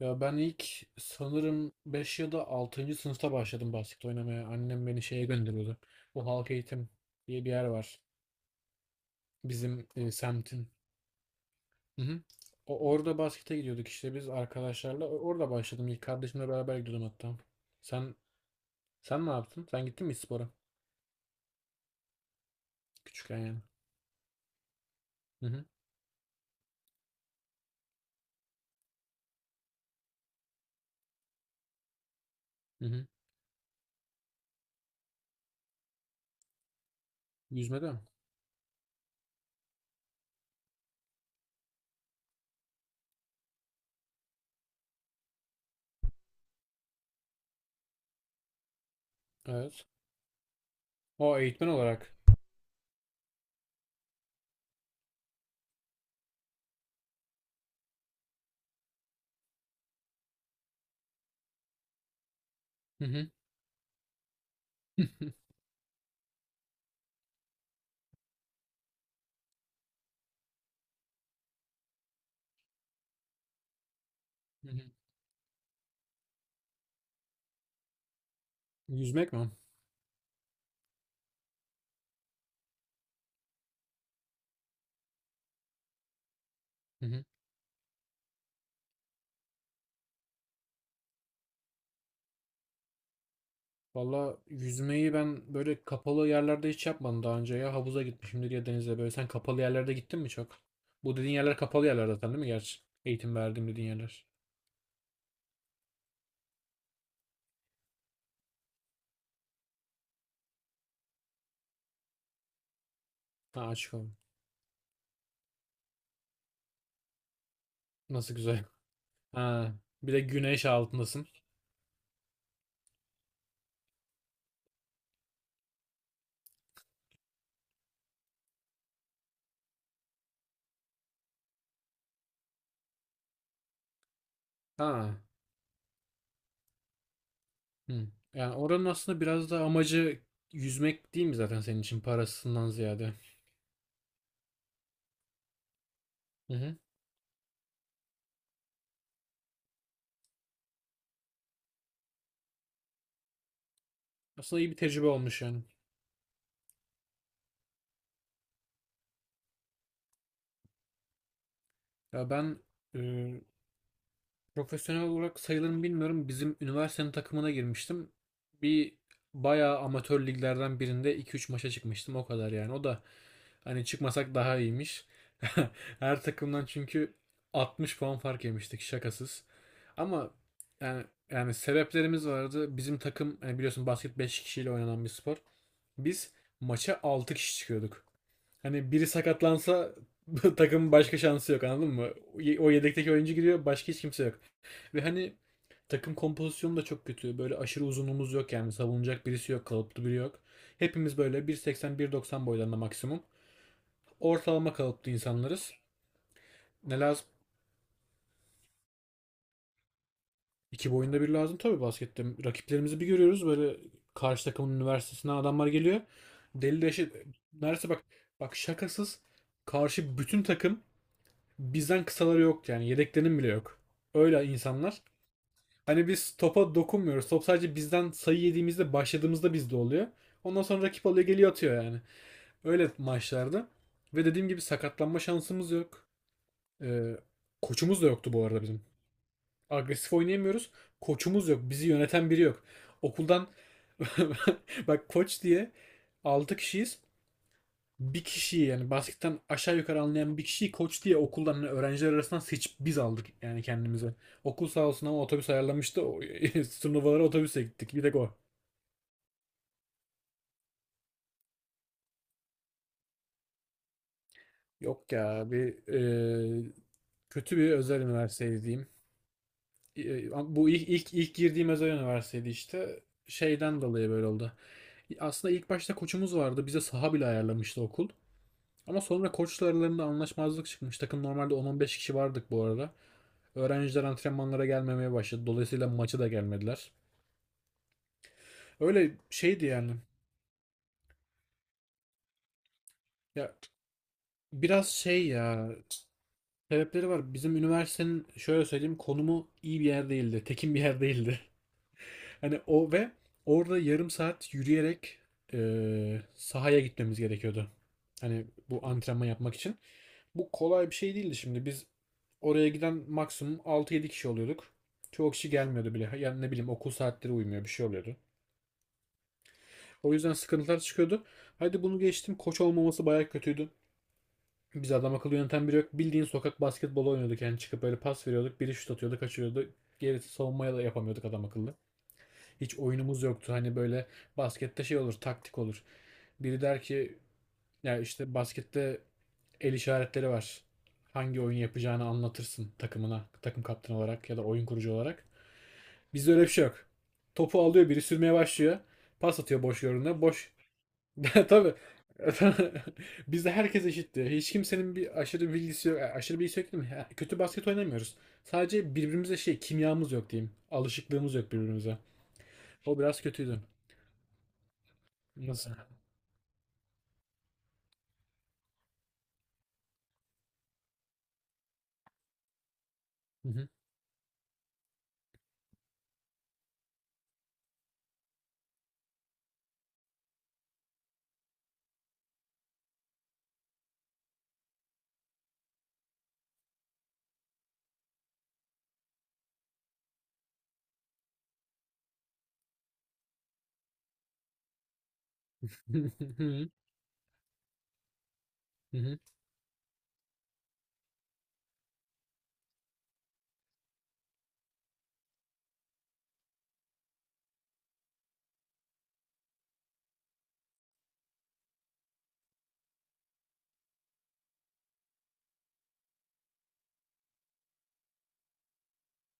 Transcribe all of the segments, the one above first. Ya ben ilk sanırım 5 ya da altıncı sınıfta başladım basket oynamaya. Annem beni şeye gönderiyordu. Bu halk eğitim diye bir yer var. Bizim semtin. Hı hı. Orada baskete gidiyorduk işte biz arkadaşlarla. Orada başladım. İlk kardeşimle beraber gidiyordum hatta. Sen sen ne yaptın? Sen gittin mi hiç spora? Küçükken yani. Hı hı. Hı hı. Yüzmede mi? Evet. O eğitmen olarak. Hı hı. Hı hı. Yüzmek mi? Hı hı. Valla yüzmeyi ben böyle kapalı yerlerde hiç yapmadım daha önce ya. Havuza gitmişimdir ya denize böyle. Sen kapalı yerlerde gittin mi çok? Bu dediğin yerler kapalı yerler zaten değil mi gerçi? Eğitim verdiğim dediğin yerler. Ha, açık oğlum. Nasıl güzel. Ha, bir de güneş altındasın. Ha. Hı. Yani oranın aslında biraz da amacı yüzmek değil mi zaten senin için parasından ziyade? Hı hı. Aslında iyi bir tecrübe olmuş yani. Ya ben e, profesyonel olarak sayılır mı bilmiyorum. Bizim üniversitenin takımına girmiştim. Bir bayağı amatör liglerden birinde 2-3 maça çıkmıştım. O kadar yani. O da hani çıkmasak daha iyiymiş. Her takımdan çünkü 60 puan fark yemiştik şakasız. Ama yani yani sebeplerimiz vardı. Bizim takım hani biliyorsun basket 5 kişiyle oynanan bir spor. Biz maça 6 kişi çıkıyorduk. Hani biri sakatlansa takımın başka şansı yok anladın mı? O yedekteki oyuncu giriyor, başka hiç kimse yok. Ve hani takım kompozisyonu da çok kötü. Böyle aşırı uzunluğumuz yok, yani savunacak birisi yok, kalıplı biri yok. Hepimiz böyle bir seksen bir 190 boylarında maksimum. Ortalama kalıplı insanlarız. Ne lazım? İki boyunda bir lazım tabii baskette. Rakiplerimizi bir görüyoruz böyle, karşı takımın üniversitesinden adamlar geliyor. Deli deşe neredeyse, bak bak şakasız, karşı bütün takım bizden kısaları yok yani, yedeklerinin bile yok. Öyle insanlar. Hani biz topa dokunmuyoruz. Top sadece bizden sayı yediğimizde başladığımızda bizde oluyor. Ondan sonra rakip alıyor, geliyor, atıyor yani. Öyle maçlarda. Ve dediğim gibi sakatlanma şansımız yok. Ee, Koçumuz da yoktu bu arada bizim. Agresif oynayamıyoruz. Koçumuz yok. Bizi yöneten biri yok. Okuldan bak, koç diye 6 kişiyiz, bir kişiyi yani basketten aşağı yukarı anlayan bir kişiyi koç diye okuldan hani öğrenciler arasından seçip biz aldık yani kendimize. Okul sağ olsun ama otobüs ayarlamıştı. Turnuvalara otobüse gittik. Bir tek o. Yok ya, e, kötü bir özel üniversiteydi diyeyim. Bu ilk girdiğim özel üniversiteydi işte. Şeyden dolayı böyle oldu. Aslında ilk başta koçumuz vardı. Bize saha bile ayarlamıştı okul. Ama sonra koçla aralarında anlaşmazlık çıkmış. Takım normalde 10-15 kişi vardık bu arada. Öğrenciler antrenmanlara gelmemeye başladı. Dolayısıyla maçı da gelmediler. Öyle şeydi yani. Ya biraz şey ya, sebepleri var. Bizim üniversitenin şöyle söyleyeyim, konumu iyi bir yer değildi. Tekin bir yer değildi. Hani o ve orada yarım saat yürüyerek sahaya gitmemiz gerekiyordu. Hani bu antrenman yapmak için. Bu kolay bir şey değildi şimdi. Biz oraya giden maksimum altı yedi kişi oluyorduk. Çoğu kişi gelmiyordu bile. Yani ne bileyim, okul saatleri uymuyor, bir şey oluyordu. O yüzden sıkıntılar çıkıyordu. Hadi bunu geçtim. Koç olmaması bayağı kötüydü. Biz adam akıllı yöneten biri yok. Bildiğin sokak basketbolu oynuyorduk. Yani çıkıp böyle pas veriyorduk. Biri şut atıyordu, kaçırıyordu. Gerisi savunmaya da yapamıyorduk adam akıllı. Hiç oyunumuz yoktu. Hani böyle baskette şey olur, taktik olur. Biri der ki, ya işte baskette el işaretleri var. Hangi oyun yapacağını anlatırsın takımına, takım kaptanı olarak ya da oyun kurucu olarak. Bizde öyle bir şey yok. Topu alıyor biri, sürmeye başlıyor. Pas atıyor boş yoruna. Boş. Tabii. Bizde herkes eşit diyor. Hiç kimsenin bir aşırı bilgisi yok. Aşırı bilgisi yok değil mi? Ha, kötü basket oynamıyoruz. Sadece birbirimize şey, kimyamız yok diyeyim. Alışıklığımız yok birbirimize. O biraz kötüydü. Nasıl? Hı hı. Hı hı.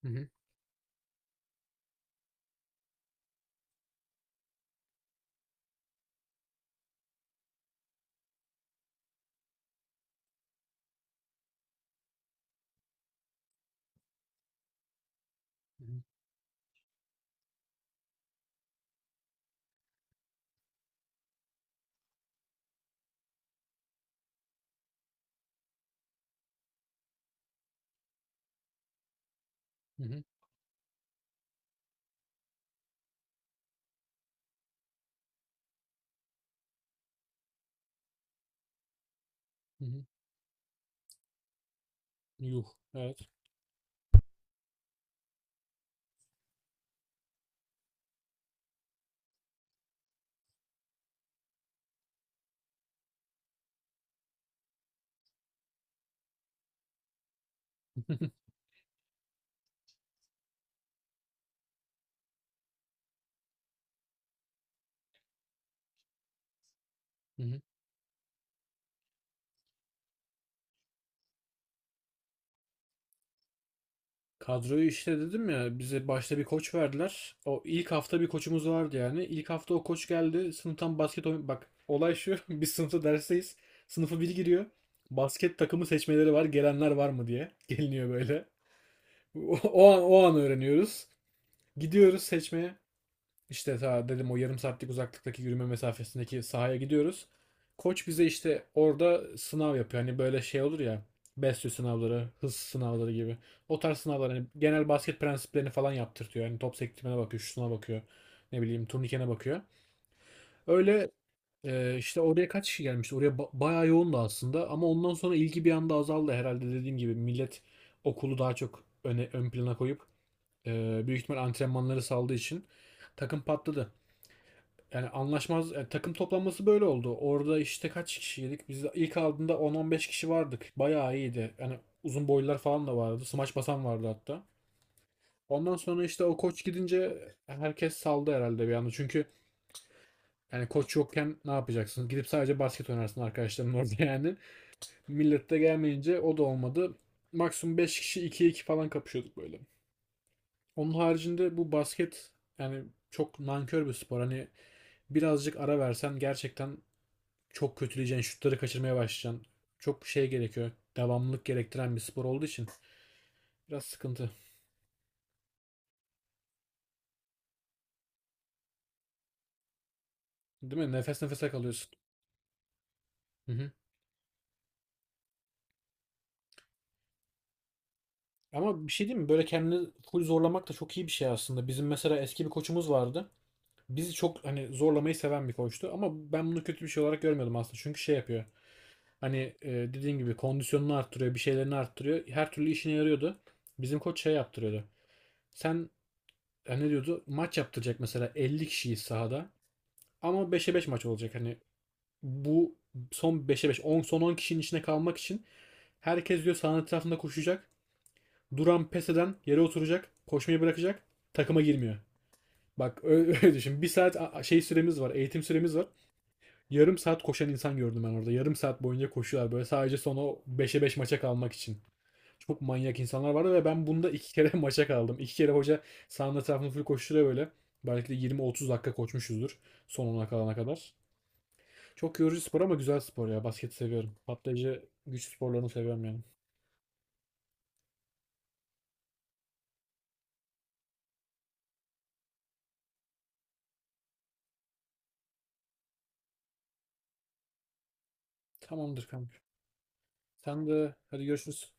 Hı hı. Hı hı. Hı hı. Hı hı. Yuh, evet. Hı hı. Kadroyu işte dedim ya, bize başta bir koç verdiler. O ilk hafta bir koçumuz vardı yani. İlk hafta o koç geldi. Sınıftan basket oyun, bak olay şu. Biz sınıfta dersteyiz. Sınıfı biri giriyor. Basket takımı seçmeleri var. Gelenler var mı diye. Geliniyor böyle. O an o an öğreniyoruz. Gidiyoruz seçmeye. İşte ta dedim, o yarım saatlik uzaklıktaki yürüme mesafesindeki sahaya gidiyoruz. Koç bize işte orada sınav yapıyor. Hani böyle şey olur ya. Besyo sınavları, hız sınavları gibi. O tarz sınavlar, hani genel basket prensiplerini falan yaptırtıyor. Hani top sektirmene bakıyor, şutuna bakıyor. Ne bileyim turnikene bakıyor. Öyle işte oraya kaç kişi gelmişti? Oraya bayağı yoğundu aslında ama ondan sonra ilgi bir anda azaldı herhalde, dediğim gibi. Millet okulu daha çok ön plana koyup büyük ihtimal antrenmanları saldığı için takım patladı. Yani yani takım toplanması böyle oldu. Orada işte kaç kişiydik? Biz ilk aldığında 10-15 kişi vardık. Bayağı iyiydi. Yani uzun boylular falan da vardı. Smaç basan vardı hatta. Ondan sonra işte o koç gidince herkes saldı herhalde bir anda. Çünkü yani koç yokken ne yapacaksın? Gidip sadece basket oynarsın arkadaşların orada yani. Millet de gelmeyince o da olmadı. Maksimum 5 kişi 2'ye 2 falan kapışıyorduk böyle. Onun haricinde bu basket yani çok nankör bir spor. Hani birazcık ara versen gerçekten çok kötüleyeceksin, şutları kaçırmaya başlayacaksın. Çok şey gerekiyor. Devamlılık gerektiren bir spor olduğu için biraz sıkıntı. Değil mi? Nefes nefese kalıyorsun. Hı hı. Ama bir şey diyeyim mi? Böyle kendini full zorlamak da çok iyi bir şey aslında. Bizim mesela eski bir koçumuz vardı. Bizi çok hani zorlamayı seven bir koçtu ama ben bunu kötü bir şey olarak görmüyordum aslında. Çünkü şey yapıyor. Hani dediğin gibi kondisyonunu arttırıyor, bir şeylerini arttırıyor. Her türlü işine yarıyordu. Bizim koç şey yaptırıyordu. Sen ne diyordu? Maç yaptıracak mesela, 50 kişiyi sahada ama beşe 5 maç olacak. Hani bu son beşe 5 on, son 10 kişinin içine kalmak için herkes diyor sahanın etrafında koşacak. Duran, pes eden yere oturacak, koşmayı bırakacak, takıma girmiyor. Bak öyle düşün. Bir saat şey süremiz var, eğitim süremiz var. Yarım saat koşan insan gördüm ben orada. Yarım saat boyunca koşuyorlar böyle, sadece son o 5'e 5 maça kalmak için. Çok manyak insanlar vardı ve ben bunda iki kere maça kaldım. İki kere hoca sahanın etrafını full koşturuyor böyle. Belki de 20-30 dakika koşmuşuzdur, son ona kalana kadar. Çok yorucu spor ama güzel spor ya. Basketi seviyorum. Patlayıcı güç sporlarını seviyorum yani. Tamamdır kanka. Sen de hadi, görüşürüz.